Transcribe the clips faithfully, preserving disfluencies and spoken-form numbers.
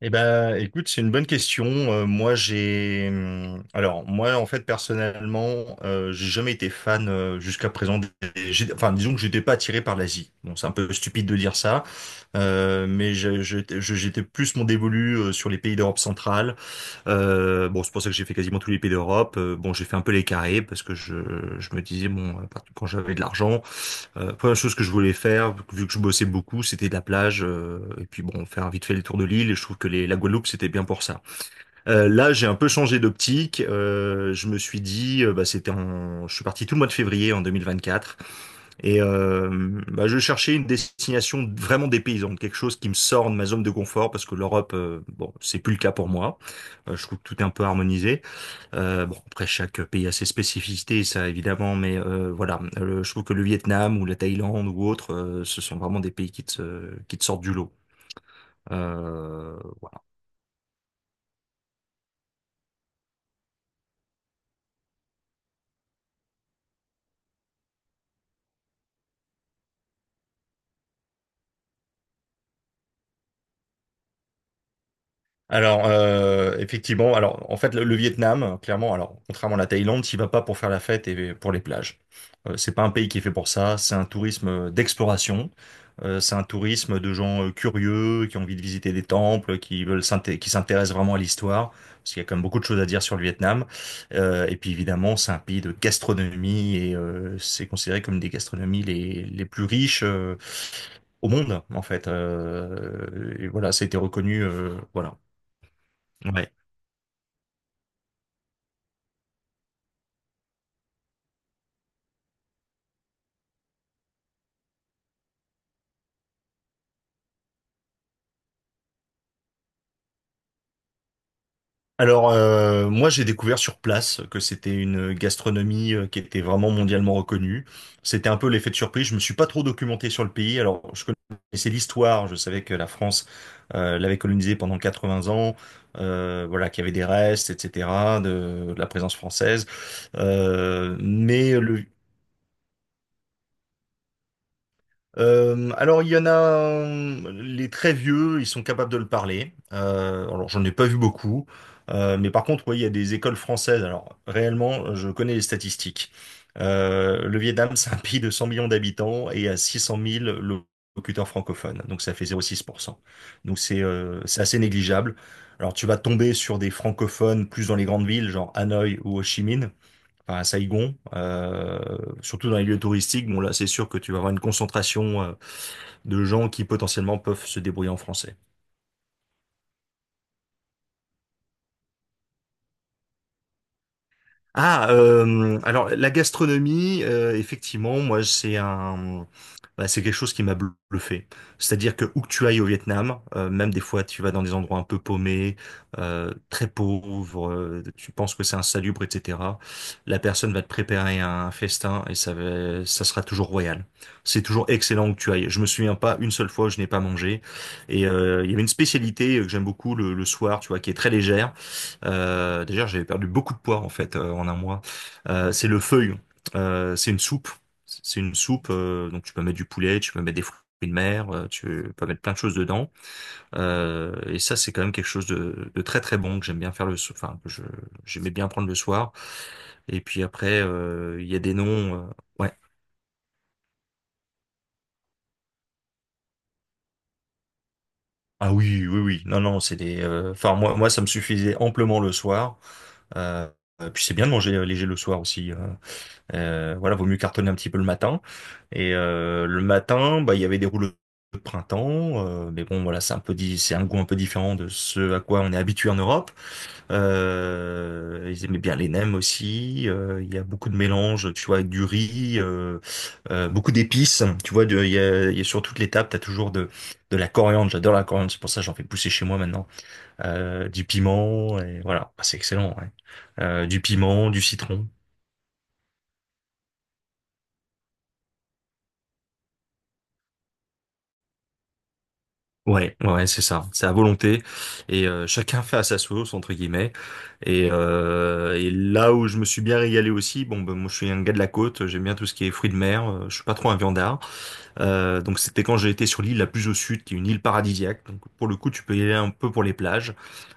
Eh ben, écoute, c'est une bonne question. Euh, moi, j'ai, hum, alors, moi, en fait, personnellement, euh, j'ai jamais été fan euh, jusqu'à présent. des- j'ai- Enfin, disons que j'étais pas attiré par l'Asie. Bon, c'est un peu stupide de dire ça, euh, mais je- je- je- j'étais plus mon dévolu euh, sur les pays d'Europe centrale. Euh, bon, c'est pour ça que j'ai fait quasiment tous les pays d'Europe. Euh, bon, j'ai fait un peu les carrés parce que je, je me disais bon, à quand j'avais de l'argent. Euh, première chose que je voulais faire, vu que je bossais beaucoup, c'était de la plage, euh, et puis bon, faire vite fait le tour de l'île, et je trouve que les, la Guadeloupe, c'était bien pour ça. Euh, là, j'ai un peu changé d'optique. Euh, je me suis dit, euh, bah, c'était en... je suis parti tout le mois de février en deux mille vingt-quatre, et euh, bah, je cherchais une destination vraiment dépaysante, quelque chose qui me sort de ma zone de confort, parce que l'Europe, euh, bon, c'est plus le cas pour moi. Euh, je trouve que tout est un peu harmonisé. Euh, bon, après, chaque pays a ses spécificités, ça évidemment, mais euh, voilà. Euh, je trouve que le Vietnam ou la Thaïlande ou autre, euh, ce sont vraiment des pays qui te, qui te sortent du lot. Euh, Alors, euh, effectivement, alors en fait, le, le Vietnam, euh, clairement, alors contrairement à la Thaïlande, tu vas pas pour faire la fête et pour les plages. Euh, c'est pas un pays qui est fait pour ça. C'est un tourisme euh, d'exploration. Euh, c'est un tourisme de gens euh, curieux qui ont envie de visiter des temples, qui veulent s'inté- qui s'intéressent vraiment à l'histoire, parce qu'il y a quand même beaucoup de choses à dire sur le Vietnam. Euh, et puis évidemment, c'est un pays de gastronomie et euh, c'est considéré comme une des gastronomies les les plus riches euh, au monde, en fait. Euh, et voilà, ça a été reconnu, euh, voilà. Ouais. Alors, euh, moi, j'ai découvert sur place que c'était une gastronomie euh, qui était vraiment mondialement reconnue. C'était un peu l'effet de surprise. Je me suis pas trop documenté sur le pays. Alors, je connaissais l'histoire. Je savais que la France euh, l'avait colonisé pendant quatre-vingts ans. Euh, voilà, qu'il y avait des restes, et cetera, de, de la présence française. Euh, mais le, Euh, alors il y en a, euh, les très vieux, ils sont capables de le parler. Euh, alors j'en ai pas vu beaucoup. Euh, mais par contre, oui, il y a des écoles françaises. Alors réellement, je connais les statistiques. Euh, Le Vietnam, c'est un pays de cent millions d'habitants et à six cent mille locuteurs francophones, donc ça fait zéro virgule six pour cent. Donc c'est euh, c'est assez négligeable. Alors tu vas tomber sur des francophones plus dans les grandes villes, genre Hanoï ou Ho Chi Minh, enfin, à Saigon, euh, surtout dans les lieux touristiques. Bon, là, c'est sûr que tu vas avoir une concentration euh, de gens qui potentiellement peuvent se débrouiller en français. Ah, euh, alors la gastronomie, euh, effectivement, moi, c'est un bah, c'est quelque chose qui m'a bluffé. C'est-à-dire que où que tu ailles au Vietnam, euh, même des fois tu vas dans des endroits un peu paumés, euh, très pauvres, euh, tu penses que c'est insalubre, et cetera. La personne va te préparer un festin et ça, va- ça sera toujours royal. C'est toujours excellent où que tu ailles. Je me souviens pas une seule fois où je n'ai pas mangé. Et euh, il y avait une spécialité euh, que j'aime beaucoup le, le soir, tu vois, qui est très légère. Euh, d'ailleurs, j'avais perdu beaucoup de poids en fait euh, en un mois. Euh, c'est le feuille. Euh, c'est une soupe. C'est une soupe, euh, donc tu peux mettre du poulet, tu peux mettre des fruits de mer, euh, tu peux mettre plein de choses dedans. Euh, et ça, c'est quand même quelque chose de, de très très bon que j'aime bien faire le soir. Enfin, que je j'aimais bien prendre le soir. Et puis après, euh, il y a des noms, euh, ouais. Ah oui, oui, oui. Non, non, c'est des. Euh, Enfin, moi, moi, ça me suffisait amplement le soir. Euh, euh, Puis c'est bien de manger euh, léger le soir aussi. euh. Euh, voilà, vaut mieux cartonner un petit peu le matin. Et euh, le matin, bah, il y avait des rouleaux de printemps, euh, mais bon, voilà, c'est un peu, di- c'est un goût un peu différent de ce à quoi on est habitué en Europe. Euh, ils aimaient bien les nems aussi, euh, il y a beaucoup de mélanges, tu vois, avec du riz, euh, euh, beaucoup d'épices. Tu vois, de- il y a, il y a sur toutes les tables, t'as toujours de de la coriandre. J'adore la coriandre, c'est pour ça que j'en fais pousser chez moi maintenant. Euh, du piment, et voilà, bah, c'est excellent. Ouais. Euh, du piment, du citron. Ouais, ouais, ouais, c'est ça. C'est à volonté et euh, chacun fait à sa sauce entre guillemets. Et, euh, et là où je me suis bien régalé aussi, bon, ben, moi je suis un gars de la côte, j'aime bien tout ce qui est fruits de mer, euh, je suis pas trop un viandard. Euh, donc c'était quand j'ai été sur l'île la plus au sud, qui est une île paradisiaque. Donc pour le coup, tu peux y aller un peu pour les plages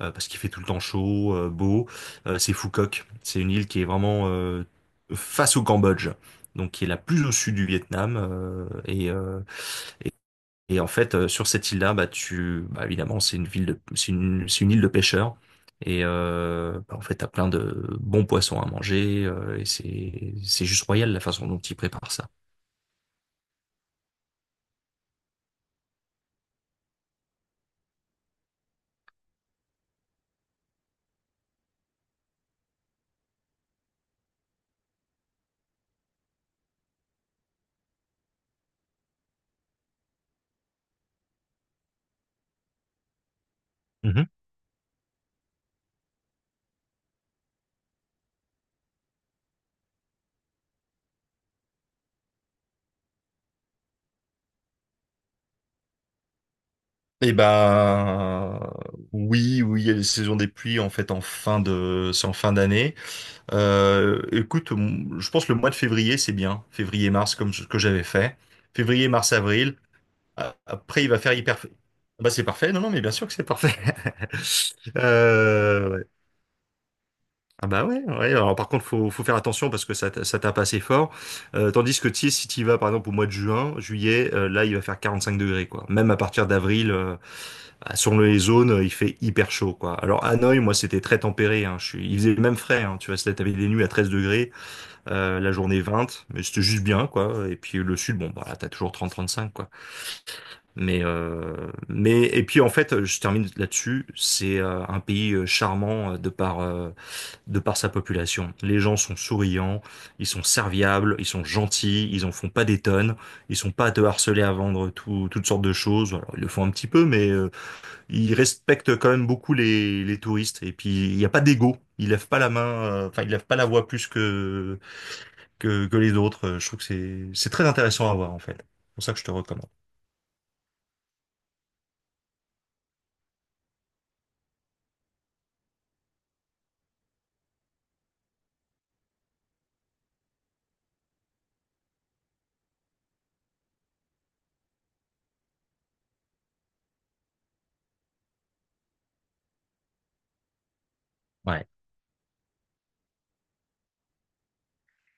euh, parce qu'il fait tout le temps chaud, euh, beau. Euh, c'est Phuket, c'est une île qui est vraiment euh, face au Cambodge. Donc qui est la plus au sud du Vietnam, euh, et euh, et en fait, euh, sur cette île-là, bah tu, bah évidemment, c'est une ville de, c'est une, c'est une île de pêcheurs. Et euh, bah, en fait, t'as plein de bons poissons à manger, euh, et c'est, c'est juste royal la façon dont ils préparent ça. Mhm. Eh ben, oui, oui, il y a les saisons des pluies en fait, en fin de, c'est en fin d'année. Euh, écoute, m- je pense que le mois de février, c'est bien. Février-mars, comme ce que j'avais fait. Février, mars-avril. Après, il va faire hyper... Ah, bah, c'est parfait. Non, non, mais bien sûr que c'est parfait. Euh, ouais. Ah bah ouais, ouais. Alors, par contre, faut, faut faire attention parce que ça, t- ça tape assez fort. Euh, tandis que tu sais, si tu y vas, par exemple, au mois de juin, juillet, euh, là, il va faire quarante-cinq degrés, quoi. Même à partir d'avril, euh, bah, sur les zones, euh, il fait hyper chaud, quoi. Alors, Hanoï, moi, c'était très tempéré, hein. Je suis... Il faisait même frais, hein. Tu vois, c'était- t'avais des nuits à treize degrés, euh, la journée vingt, mais c'était juste bien, quoi. Et puis le sud, bon, bah, là, t'as toujours trente trente-cinq, quoi. Mais, euh, mais, et puis en fait, je termine là-dessus, c'est euh, un pays euh, charmant, euh, de par, euh, de par sa population. Les gens sont souriants, ils sont serviables, ils sont gentils, ils en font pas des tonnes, ils sont pas à te harceler à vendre tout- toutes sortes de choses. Alors, ils le font un petit peu, mais euh, ils respectent quand même beaucoup les, les touristes. Et puis, il n'y a pas d'ego. Ils lèvent pas la main, euh, enfin, ils lèvent pas la voix plus que que, que les autres. Euh, Je trouve que c'est, c'est très intéressant à voir, en fait. C'est pour ça que je te recommande. Ouais.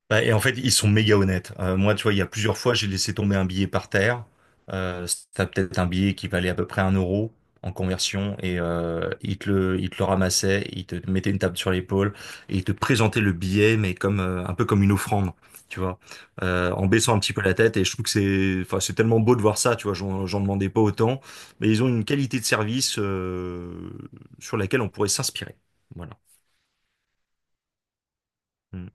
Bah, et en fait, ils sont méga honnêtes. Euh, moi, tu vois, il y a plusieurs fois, j'ai laissé tomber un billet par terre. Euh, c'était peut-être un billet qui valait à peu près un euro en conversion. Et euh, ils te le, ils te le ramassaient, ils te mettaient une table sur l'épaule et ils te présentaient le billet, mais comme euh, un peu comme une offrande, tu vois, euh, en baissant un petit peu la tête. Et je trouve que c'est, enfin, c'est tellement beau de voir ça, tu vois. J'en, j'en demandais pas autant, mais ils ont une qualité de service euh, sur laquelle on pourrait s'inspirer. Voilà. Mm.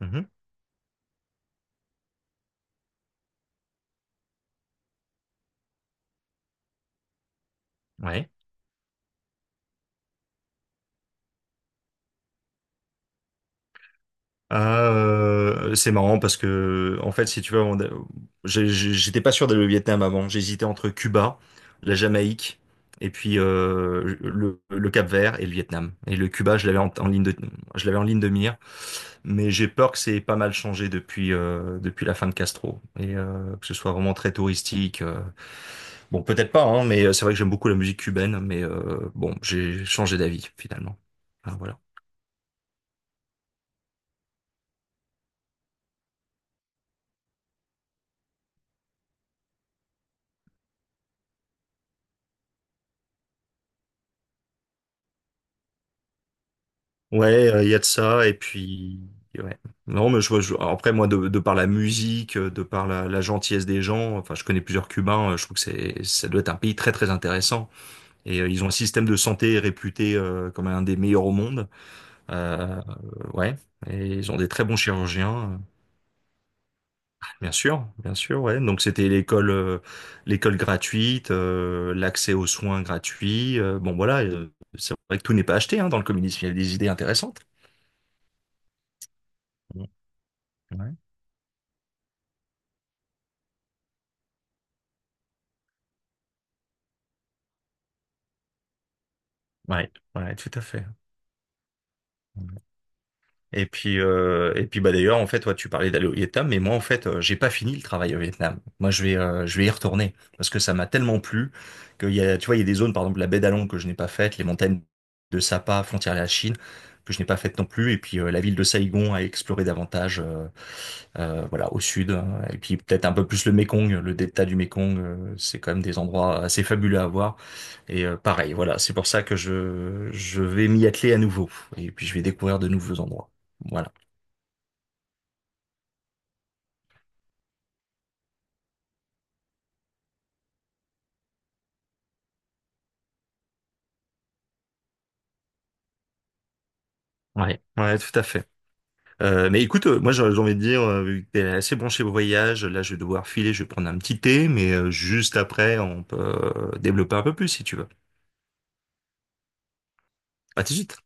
Mhm. Ouais. Ah, euh, c'est marrant parce que en fait, si tu veux, on- j'ai- j'ai- j'étais pas sûr d'aller au Vietnam avant. J'hésitais entre Cuba, la Jamaïque, et puis euh, le, le Cap-Vert et le Vietnam. Et le Cuba, je l'avais en, en ligne de, je l'avais en ligne de mire, mais j'ai peur que c'est pas mal changé depuis euh, depuis la fin de Castro et euh, que ce soit vraiment très touristique. euh. Bon, peut-être pas, hein, mais euh, c'est vrai que j'aime beaucoup la musique cubaine, mais euh, bon, j'ai changé d'avis finalement. Ah, voilà. Ouais, euh, il y a de ça, et puis ouais. Non, mais je, vois- je- après moi de, de par la musique, euh, de par la, la gentillesse des gens, enfin je connais plusieurs Cubains, euh, je trouve que c'est ça doit être un pays très très intéressant. Et euh, ils ont un système de santé réputé euh, comme un des meilleurs au monde. Euh, euh, ouais, et ils ont des très bons chirurgiens, euh, bien sûr, bien sûr, ouais. Donc c'était l'école euh, l'école gratuite, euh, l'accès aux soins gratuits, euh, bon voilà, euh, c'est vrai que tout n'est pas acheté hein, dans le communisme, il y a des idées intéressantes. Bon, ouais. Ouais, ouais, tout à fait. Et puis, euh, et puis bah, d'ailleurs, en fait, toi, tu parlais d'aller au Vietnam, mais moi, en fait, euh, j'ai pas fini le travail au Vietnam. Moi, je vais, euh, je vais y retourner parce que ça m'a tellement plu qu'il y a, tu vois, il y a des zones, par exemple, la baie d'Along que je n'ai pas faite, les montagnes de Sapa, frontière à la Chine, que je n'ai pas faites non plus, et puis euh, la ville de Saigon à explorer davantage, euh, euh, voilà, au sud, hein. Et puis peut-être un peu plus le Mékong, le delta du Mékong, euh, c'est quand même des endroits assez fabuleux à voir. Et euh, pareil, voilà, c'est pour ça que je, je vais m'y atteler à nouveau, et puis je vais découvrir de nouveaux endroits. Voilà. Ouais, ouais, tout à fait. Euh, mais écoute, euh, moi j'ai j'ai envie de dire, euh, vu que t'es assez branché au voyage, là je vais devoir filer, je vais prendre un petit thé, mais euh, juste après on peut euh, développer un peu plus si tu veux. À tout de suite.